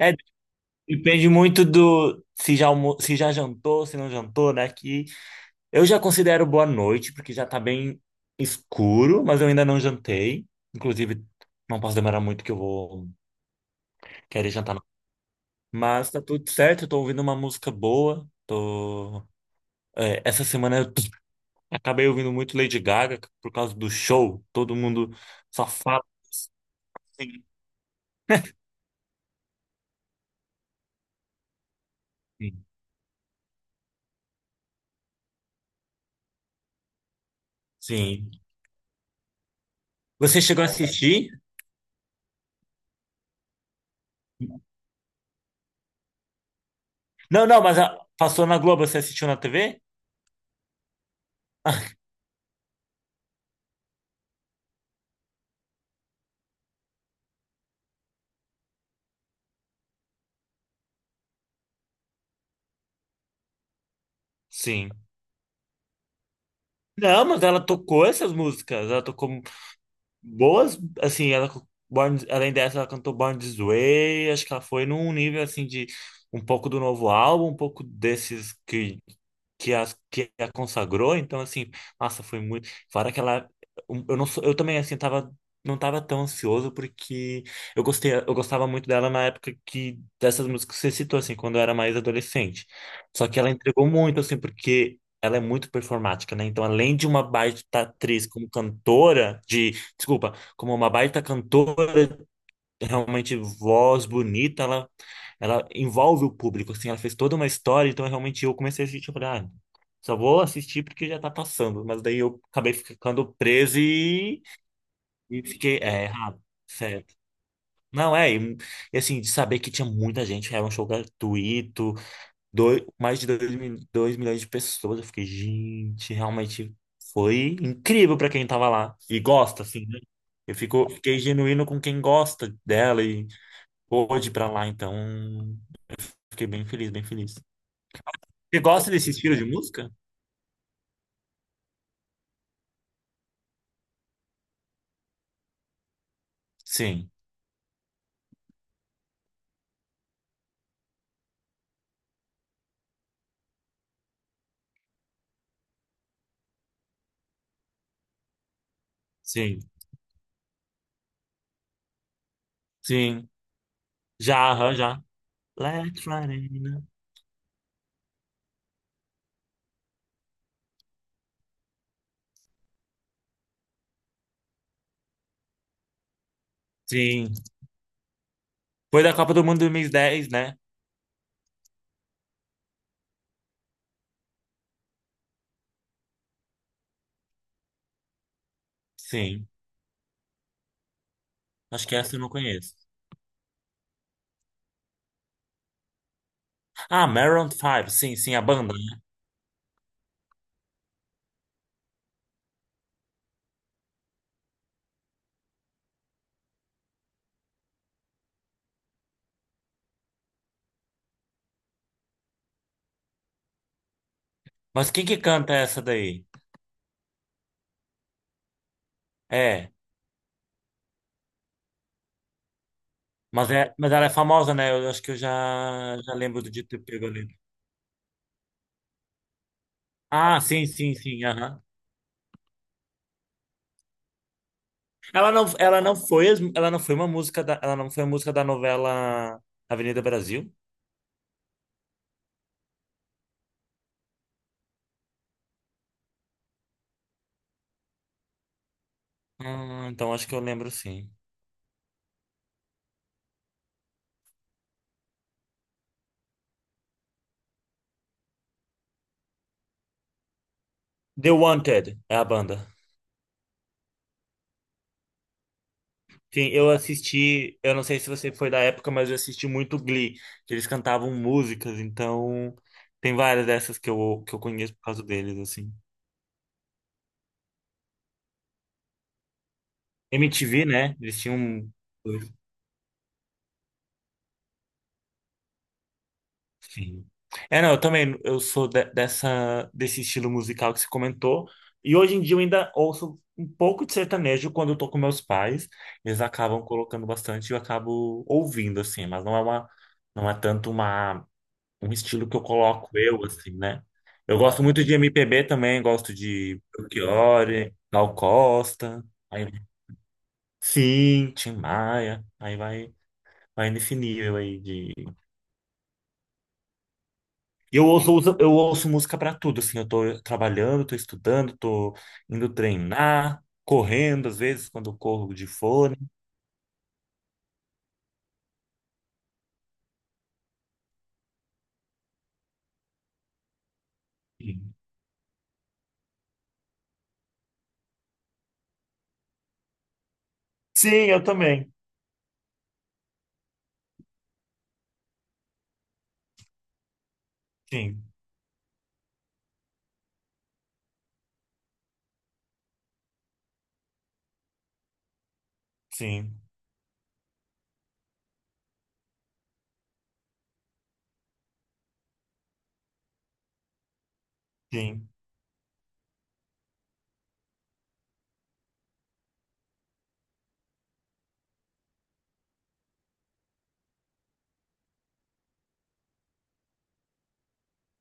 É, depende muito do se já jantou, se não jantou, né? Que eu já considero boa noite, porque já tá bem escuro, mas eu ainda não jantei. Inclusive, não posso demorar muito que eu vou querer jantar. Não. Mas tá tudo certo, eu tô ouvindo uma música boa. Essa semana acabei ouvindo muito Lady Gaga por causa do show. Todo mundo só fala assim. Sim. Sim. Você chegou a assistir? Não, não, mas passou na Globo, você assistiu na TV? Sim. Não, mas ela tocou essas músicas. Ela tocou boas, assim, ela, além dessa, ela cantou Born This Way, acho que ela foi num nível, assim, de um pouco do novo álbum, um pouco desses que a consagrou, então, assim, nossa, foi muito, fora que ela, eu não sou, eu também, assim, tava, não tava tão ansioso, porque eu gostei, eu gostava muito dela na época que, dessas músicas que você citou, assim, quando eu era mais adolescente, só que ela entregou muito, assim, porque... Ela é muito performática, né? Então, além de uma baita atriz como cantora, de desculpa, como uma baita cantora, realmente voz bonita, ela envolve o público, assim, ela fez toda uma história, então realmente eu comecei a assistir, eu falei, ah, só vou assistir porque já tá passando, mas daí eu acabei ficando preso e fiquei, errado. Certo. Não, e assim, de saber que tinha muita gente, era um show gratuito, mais de 2 milhões de pessoas. Eu fiquei, gente, realmente foi incrível pra quem tava lá e gosta, assim, né? Eu fico, fiquei genuíno com quem gosta dela e pôde ir pra lá, então fiquei bem feliz, bem feliz. Você gosta desse estilo de música? Sim, sim, sim. Já, aham, já. Let's Friday, né? Sim. Foi da Copa do Mundo 2010, né? Sim. Acho que essa eu não conheço. Ah, Maroon Five, sim, sim, a banda, né? Mas quem que canta essa daí? É. Mas, mas ela é famosa, né? Eu acho que eu já lembro de ter pego ali. Ah, sim, sim, sim, aham. Ela não foi, ela não foi uma música da, ela não foi a música da novela Avenida Brasil? Então acho que eu lembro, sim. The Wanted é a banda. Sim, eu assisti, eu não sei se você foi da época, mas eu assisti muito Glee, que eles cantavam músicas, então tem várias dessas que eu conheço por causa deles, assim. MTV, né? Eles tinham. Sim. É, não, eu também, eu sou desse estilo musical que você comentou, e hoje em dia eu ainda ouço um pouco de sertanejo quando eu tô com meus pais, eles acabam colocando bastante e eu acabo ouvindo, assim, mas não é tanto uma, um estilo que eu coloco eu, assim, né? Eu gosto muito de MPB também, gosto de Belchior, Gal Costa, aí, sim, Tim Maia, aí vai nesse nível aí. Eu ouço, eu ouço música pra tudo, assim, eu tô trabalhando, tô estudando, tô indo treinar, correndo, às vezes, quando eu corro de fone. Sim, sim, eu também. Sim, sim, sim.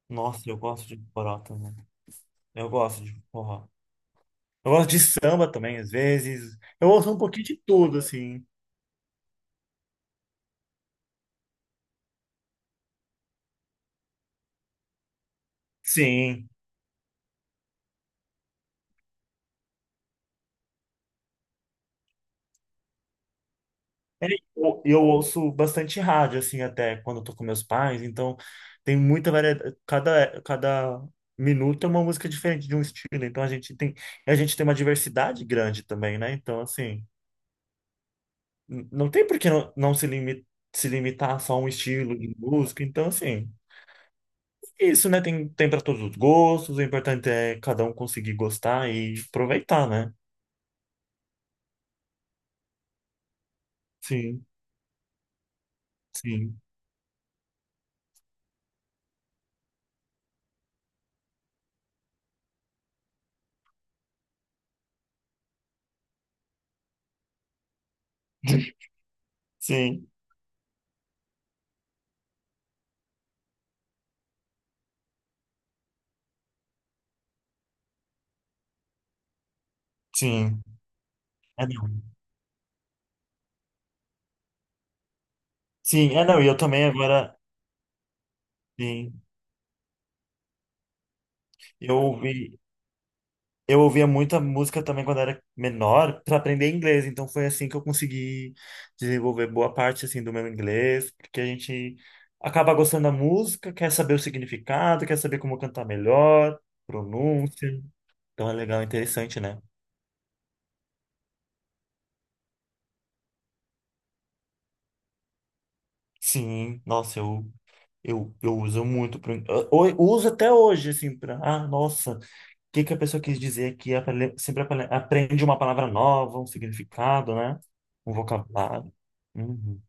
Nossa, eu gosto de forró também. Eu gosto de forró. Eu gosto de samba também, às vezes. Eu ouço um pouquinho de tudo, assim. Sim. É, eu ouço bastante rádio, assim, até quando eu tô com meus pais, então tem muita variedade. Cada minuto é uma música diferente de um estilo, então a gente tem uma diversidade grande também, né? Então, assim, não tem por que não se limitar só a um estilo de música. Então, assim, é isso, né? Tem para todos os gostos, o importante é cada um conseguir gostar e aproveitar, né? Sim, sim, sim, sim. É, não. Sim, é, não, e eu também agora. Sim. Eu ouvi, eu ouvia muita música também quando era menor para aprender inglês, então foi assim que eu consegui desenvolver boa parte assim do meu inglês, porque a gente acaba gostando da música, quer saber o significado, quer saber como cantar melhor, pronúncia. Então é legal, interessante, né? Sim, nossa, eu uso muito eu uso até hoje assim para, ah, nossa, que a pessoa quis dizer que sempre aprende uma palavra nova, um significado, né? Um vocabulário. Uhum.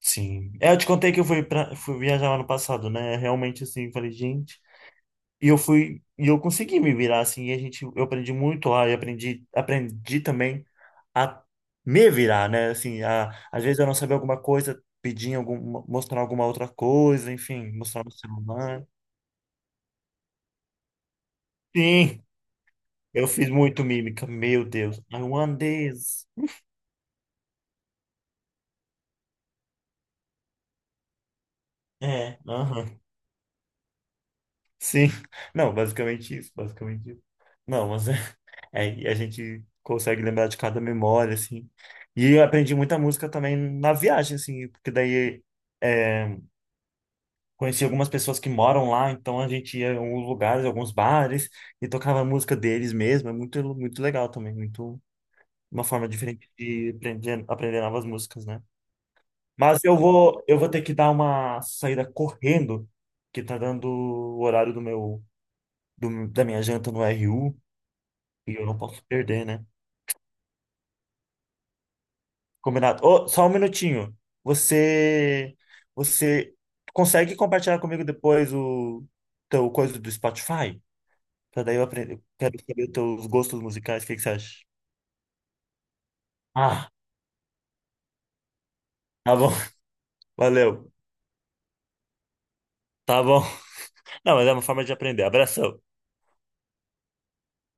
Sim. É, eu te contei que eu fui viajar lá no passado, né? Realmente assim, falei, gente, e eu fui e eu consegui me virar assim, e a gente eu aprendi muito lá e aprendi também a me virar, né? Assim, às vezes eu não sabia alguma coisa, pedir algum mostrar alguma outra coisa, enfim, mostrar no celular. Sim, eu fiz muito mímica, meu Deus. I want this. É, aham. Sim. Não, basicamente isso, basicamente isso. Não, mas e a gente consegue lembrar de cada memória, assim. E eu aprendi muita música também na viagem, assim, porque daí, é, conheci algumas pessoas que moram lá, então a gente ia em alguns lugares, alguns bares, e tocava a música deles mesmo. É muito, muito legal também, muito uma forma diferente de aprender novas músicas, né? Mas eu vou ter que dar uma saída correndo, que tá dando o horário do meu da minha janta no RU e eu não posso perder, né? Combinado. Ô, só um minutinho. Você, você consegue compartilhar comigo depois o teu coisa do Spotify? Pra daí eu aprender. Eu quero saber os teus gostos musicais. O que que você acha? Ah, tá bom. Valeu. Tá bom. Não, mas é uma forma de aprender. Abração.